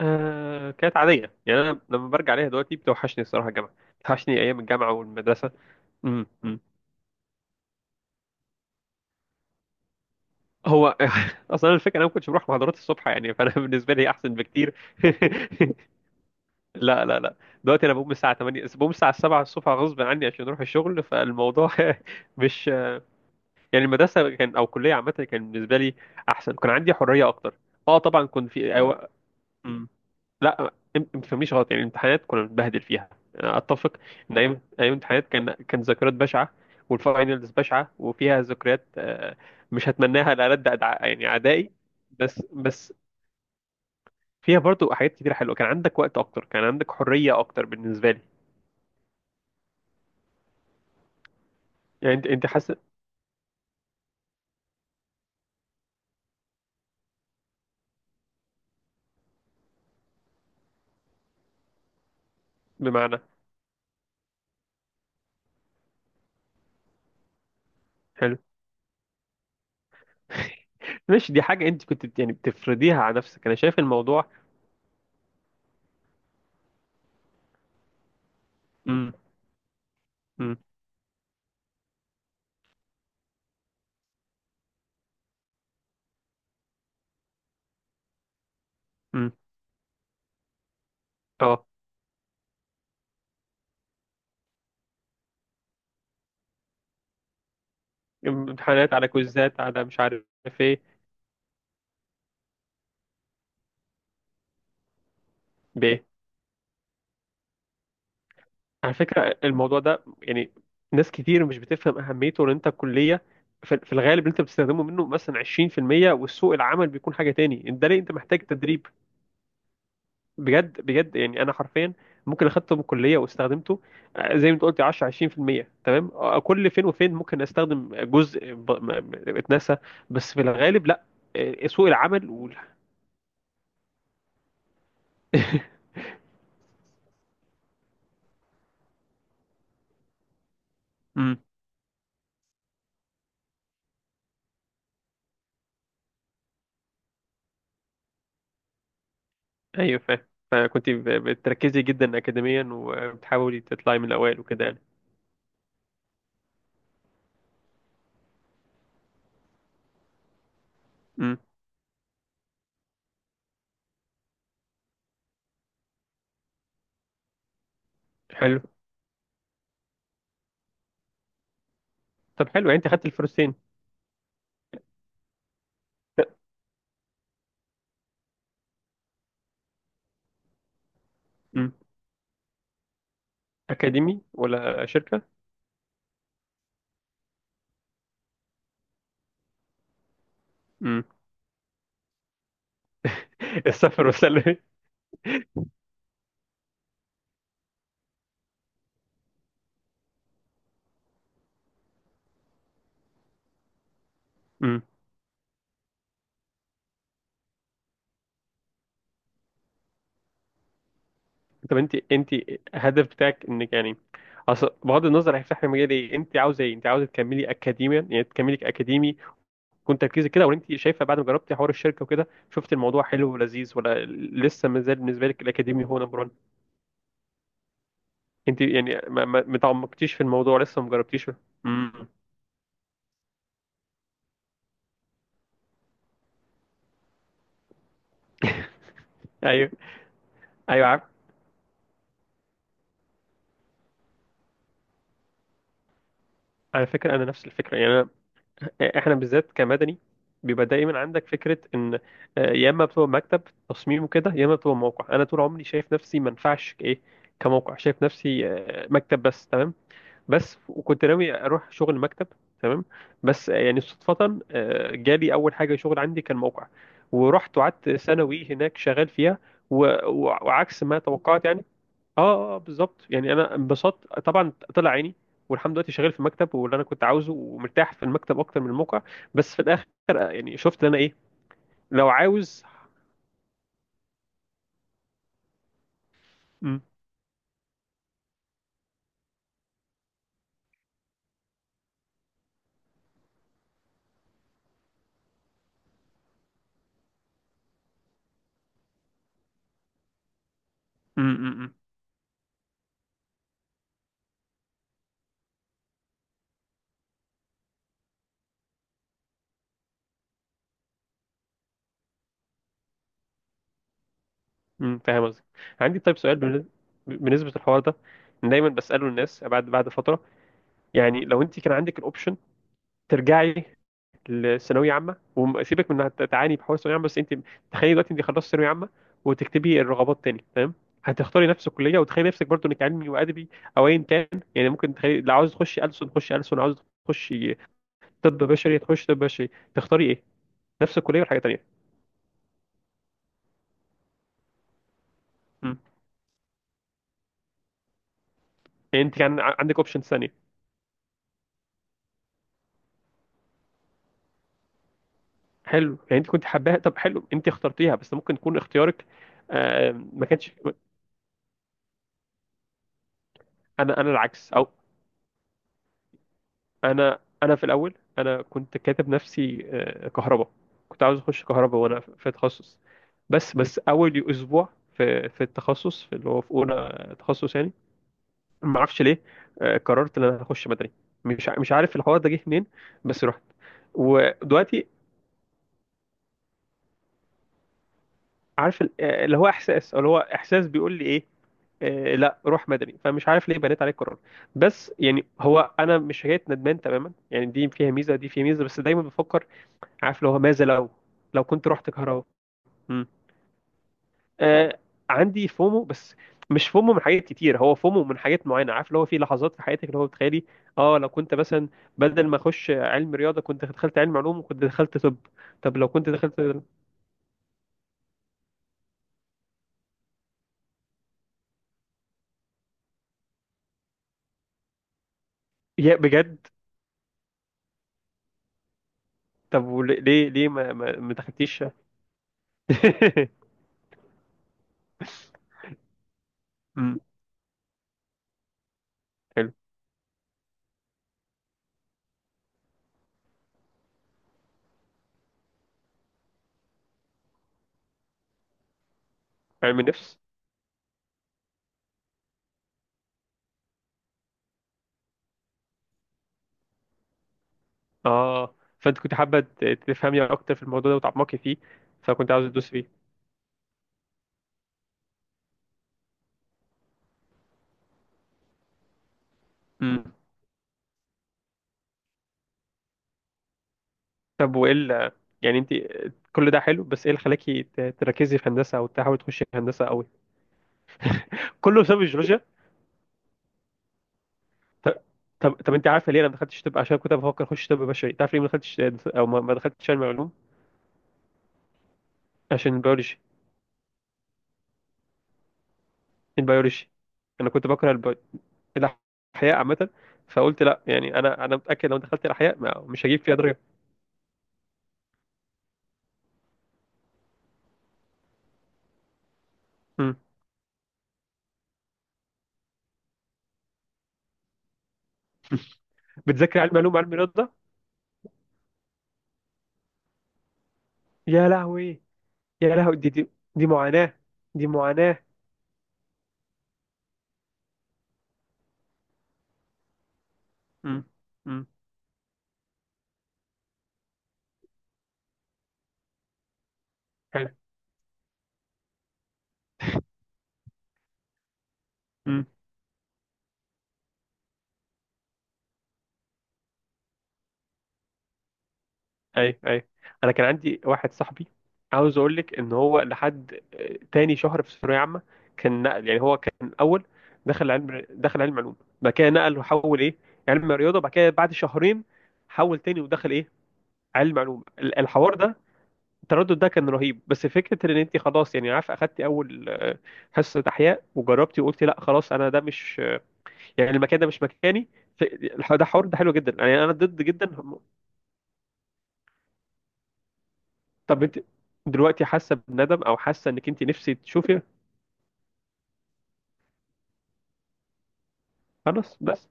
آه، كانت عادية يعني. أنا لما برجع عليها دلوقتي بتوحشني الصراحة الجامعة، بتوحشني أيام الجامعة والمدرسة. أمم. هو أصلا الفكرة أنا ما كنتش بروح محاضرات الصبح يعني، فأنا بالنسبة لي أحسن بكتير. لا لا لا، دلوقتي أنا بقوم الساعة 8، بقوم الساعة 7 الصبح غصب عني عشان أروح الشغل، فالموضوع مش يعني. المدرسة كان أو الكلية عامة كان بالنسبة لي أحسن، كان عندي حرية أكتر. أه طبعا كنت في مم. لا، ما تفهمنيش غلط، يعني الامتحانات كنا بنتبهدل فيها. أنا اتفق ان ايام الامتحانات كان ذكريات بشعه، والفاينلز بشعه وفيها ذكريات، مش هتمناها لألد يعني اعدائي. بس فيها برضو حاجات كتير حلوه، كان عندك وقت اكتر، كان عندك حريه اكتر بالنسبه لي. يعني انت حاسس بمعنى؟ حلو، مش دي حاجه انت كنت يعني بتفرضيها على نفسك؟ انا شايف الموضوع. امم امم امم اه امتحانات على كويزات على مش عارف ايه بيه. على فكرة، الموضوع ده يعني ناس كتير مش بتفهم أهميته، لأن أنت الكلية في الغالب اللي أنت بتستخدمه منه مثلا 20%، والسوق العمل بيكون حاجة تاني، ده ليه أنت محتاج تدريب. بجد بجد، يعني أنا حرفيا ممكن أخدته من الكلية واستخدمته، زي ما أنت قلت 10 20%، تمام. كل فين وفين ممكن أستخدم جزء اتنسى، بس في الغالب لأ. سوق العمل وال... مم. أيوه فاهم. فكنت بتركزي جدا أكاديميا وبتحاولي تطلعي من الأوائل وكده يعني. مم. حلو. طب حلو، يعني انت خدت الفلوسين. امم اكاديمي ولا شركه؟ امم السفر والسلة. امم طب انت الهدف بتاعك انك يعني، اصل بغض النظر هيفتح لي مجال ايه، انت عاوزه ايه؟ انت عاوزه تكملي اكاديميا؟ يعني تكملي اكاديمي وكنت تركيزك كده، ولا انت شايفه بعد ما جربتي حوار الشركه وكده، شفت الموضوع حلو ولذيذ، ولا لسه ما زال بالنسبه لك الاكاديمي هو نمبر 1؟ انت يعني ما تعمقتيش في الموضوع، لسه ما جربتيش. امم ايوه ايوه، عارف. على فكره انا نفس الفكره يعني، احنا بالذات كمدني بيبقى دايما عندك فكره ان يا اما بتبقى مكتب تصميم وكده، يا اما بتبقى موقع. انا طول عمري شايف نفسي ما ينفعش ايه كموقع، شايف نفسي مكتب بس، تمام بس. وكنت ناوي اروح شغل مكتب، تمام. بس يعني صدفه جالي اول حاجه شغل عندي كان موقع، ورحت وقعدت ثانوي هناك شغال فيها، و- وعكس ما توقعت يعني. اه اه، بالظبط يعني. انا انبسطت طبعا، طلع عيني. والحمد لله، دلوقتي شغال في المكتب واللي انا كنت عاوزه، ومرتاح في المكتب اكتر من الموقع، بس في الاخر يعني شفت ان انا ايه لو عاوز م- م- م- فاهم قصدي. عندي طيب سؤال بالنسبه للحوار ده، دايما بساله الناس بعد فتره، يعني لو انت كان عندك الاوبشن ترجعي الثانويه عامه، وسيبك من انها تعاني بحوار الثانويه عامه، بس انت تخيلي دلوقتي انت خلصت ثانويه عامه، وتكتبي الرغبات تاني، تمام. هتختاري نفس الكليه؟ وتخيلي نفسك برضو انك علمي وادبي، او ايا كان، يعني ممكن تخيلي لو عاوز تخشي ألسن، تخشي ألسن، عاوز تخشي طب بشري، تخشي طب بشري. تختاري ايه؟ نفس الكليه ولا حاجه تانيه؟ مم. يعني انت كان عندك اوبشنز ثانيه. حلو، يعني انت كنت حباها؟ طب حلو، انت اخترتيها بس ممكن يكون اختيارك. ما كانش، انا العكس، او انا في الاول، انا كنت كاتب نفسي كهرباء. كنت عاوز اخش كهرباء وانا في تخصص، بس اول اسبوع في التخصص، في اللي هو في اولى تخصص يعني، ما اعرفش ليه قررت ان انا هخش مدني. مش عارف الحوار ده جه منين، بس رحت. ودلوقتي عارف اللي هو احساس بيقول لي ايه، لا روح مدني، فمش عارف ليه بنيت عليه القرار. بس يعني هو انا مش شايف ندمان تماما يعني، دي فيها ميزه، دي فيها ميزه، بس دايما بفكر عارف لو ماذا لو، لو كنت رحت كهرباء. مم. آه، عندي فومو بس، مش فومو من حاجات كتير، هو فومو من حاجات معينه، عارف اللي هو في لحظات في حياتك اللي هو بتخيلي، اه لو كنت مثلا بدل ما اخش علم رياضه، كنت دخلت علم علوم وكنت دخلت طب. طب لو كنت دخلت، يا بجد. طب ليه ما دخلتيش؟ مم. حلو، علم النفس. اه، فانت كنت حابه تفهمي اكتر في الموضوع ده وتعمقي فيه، فكنت عاوز تدوس فيه. طب وايه يعني انت، كل ده حلو بس ايه اللي خلاكي تركزي في هندسه، او تحاولي تخشي هندسه قوي؟ كله بسبب الجيولوجيا. ط- طب انت عارفه ليه انا ما دخلتش طب عشان كنت بفكر اخش طب بشري؟ تعرف ليه ما دخلتش، او ما دخلتش علم علوم؟ عشان البيولوجي، البيولوجي. انا كنت بكره البي... الاحياء عامه، فقلت لا، يعني انا متاكد لو دخلت الاحياء مش هجيب فيها درجه. امم بتذاكر علم علوم علم رياضه. يا لهوي يا لهوي، دي معاناه دي معاناه. امم امم حلو. اي اي، انا كان عندي واحد صاحبي، عاوز اقول لك ان هو لحد تاني شهر في ثانويه عامه كان نقل، يعني هو كان اول دخل علم علوم، بعد كده نقل وحول ايه علم رياضه، بعد كده بعد شهرين حول تاني ودخل ايه علم علوم. الحوار ده، التردد ده كان رهيب. بس فكره ان انت خلاص يعني عارف، اخدتي اول حصه احياء وجربتي وقلتي لا خلاص، انا ده مش يعني المكان ده مش مكاني. ف- ده حوار ده حلو جدا يعني، انا ضد جدا. طب انت دلوقتي حاسه بندم او حاسه انك انت نفسي تشوفي؟ خلاص، بس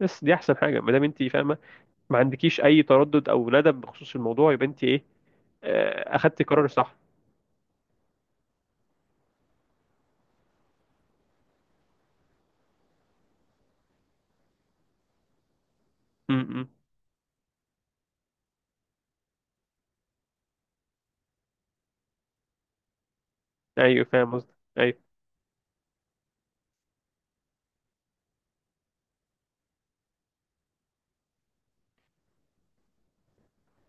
بس دي احسن حاجه ما دام انت فاهمه، ما عندكيش اي تردد او ندم بخصوص الموضوع، يبقى انت ايه اخدتي قرار صح. امم ايوه فاهم قصدك، ايوه.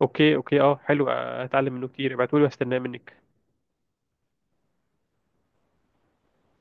اوكي اوكي، اه، حلو، هتعلم منه كتير، ابعتولي واستناه منك.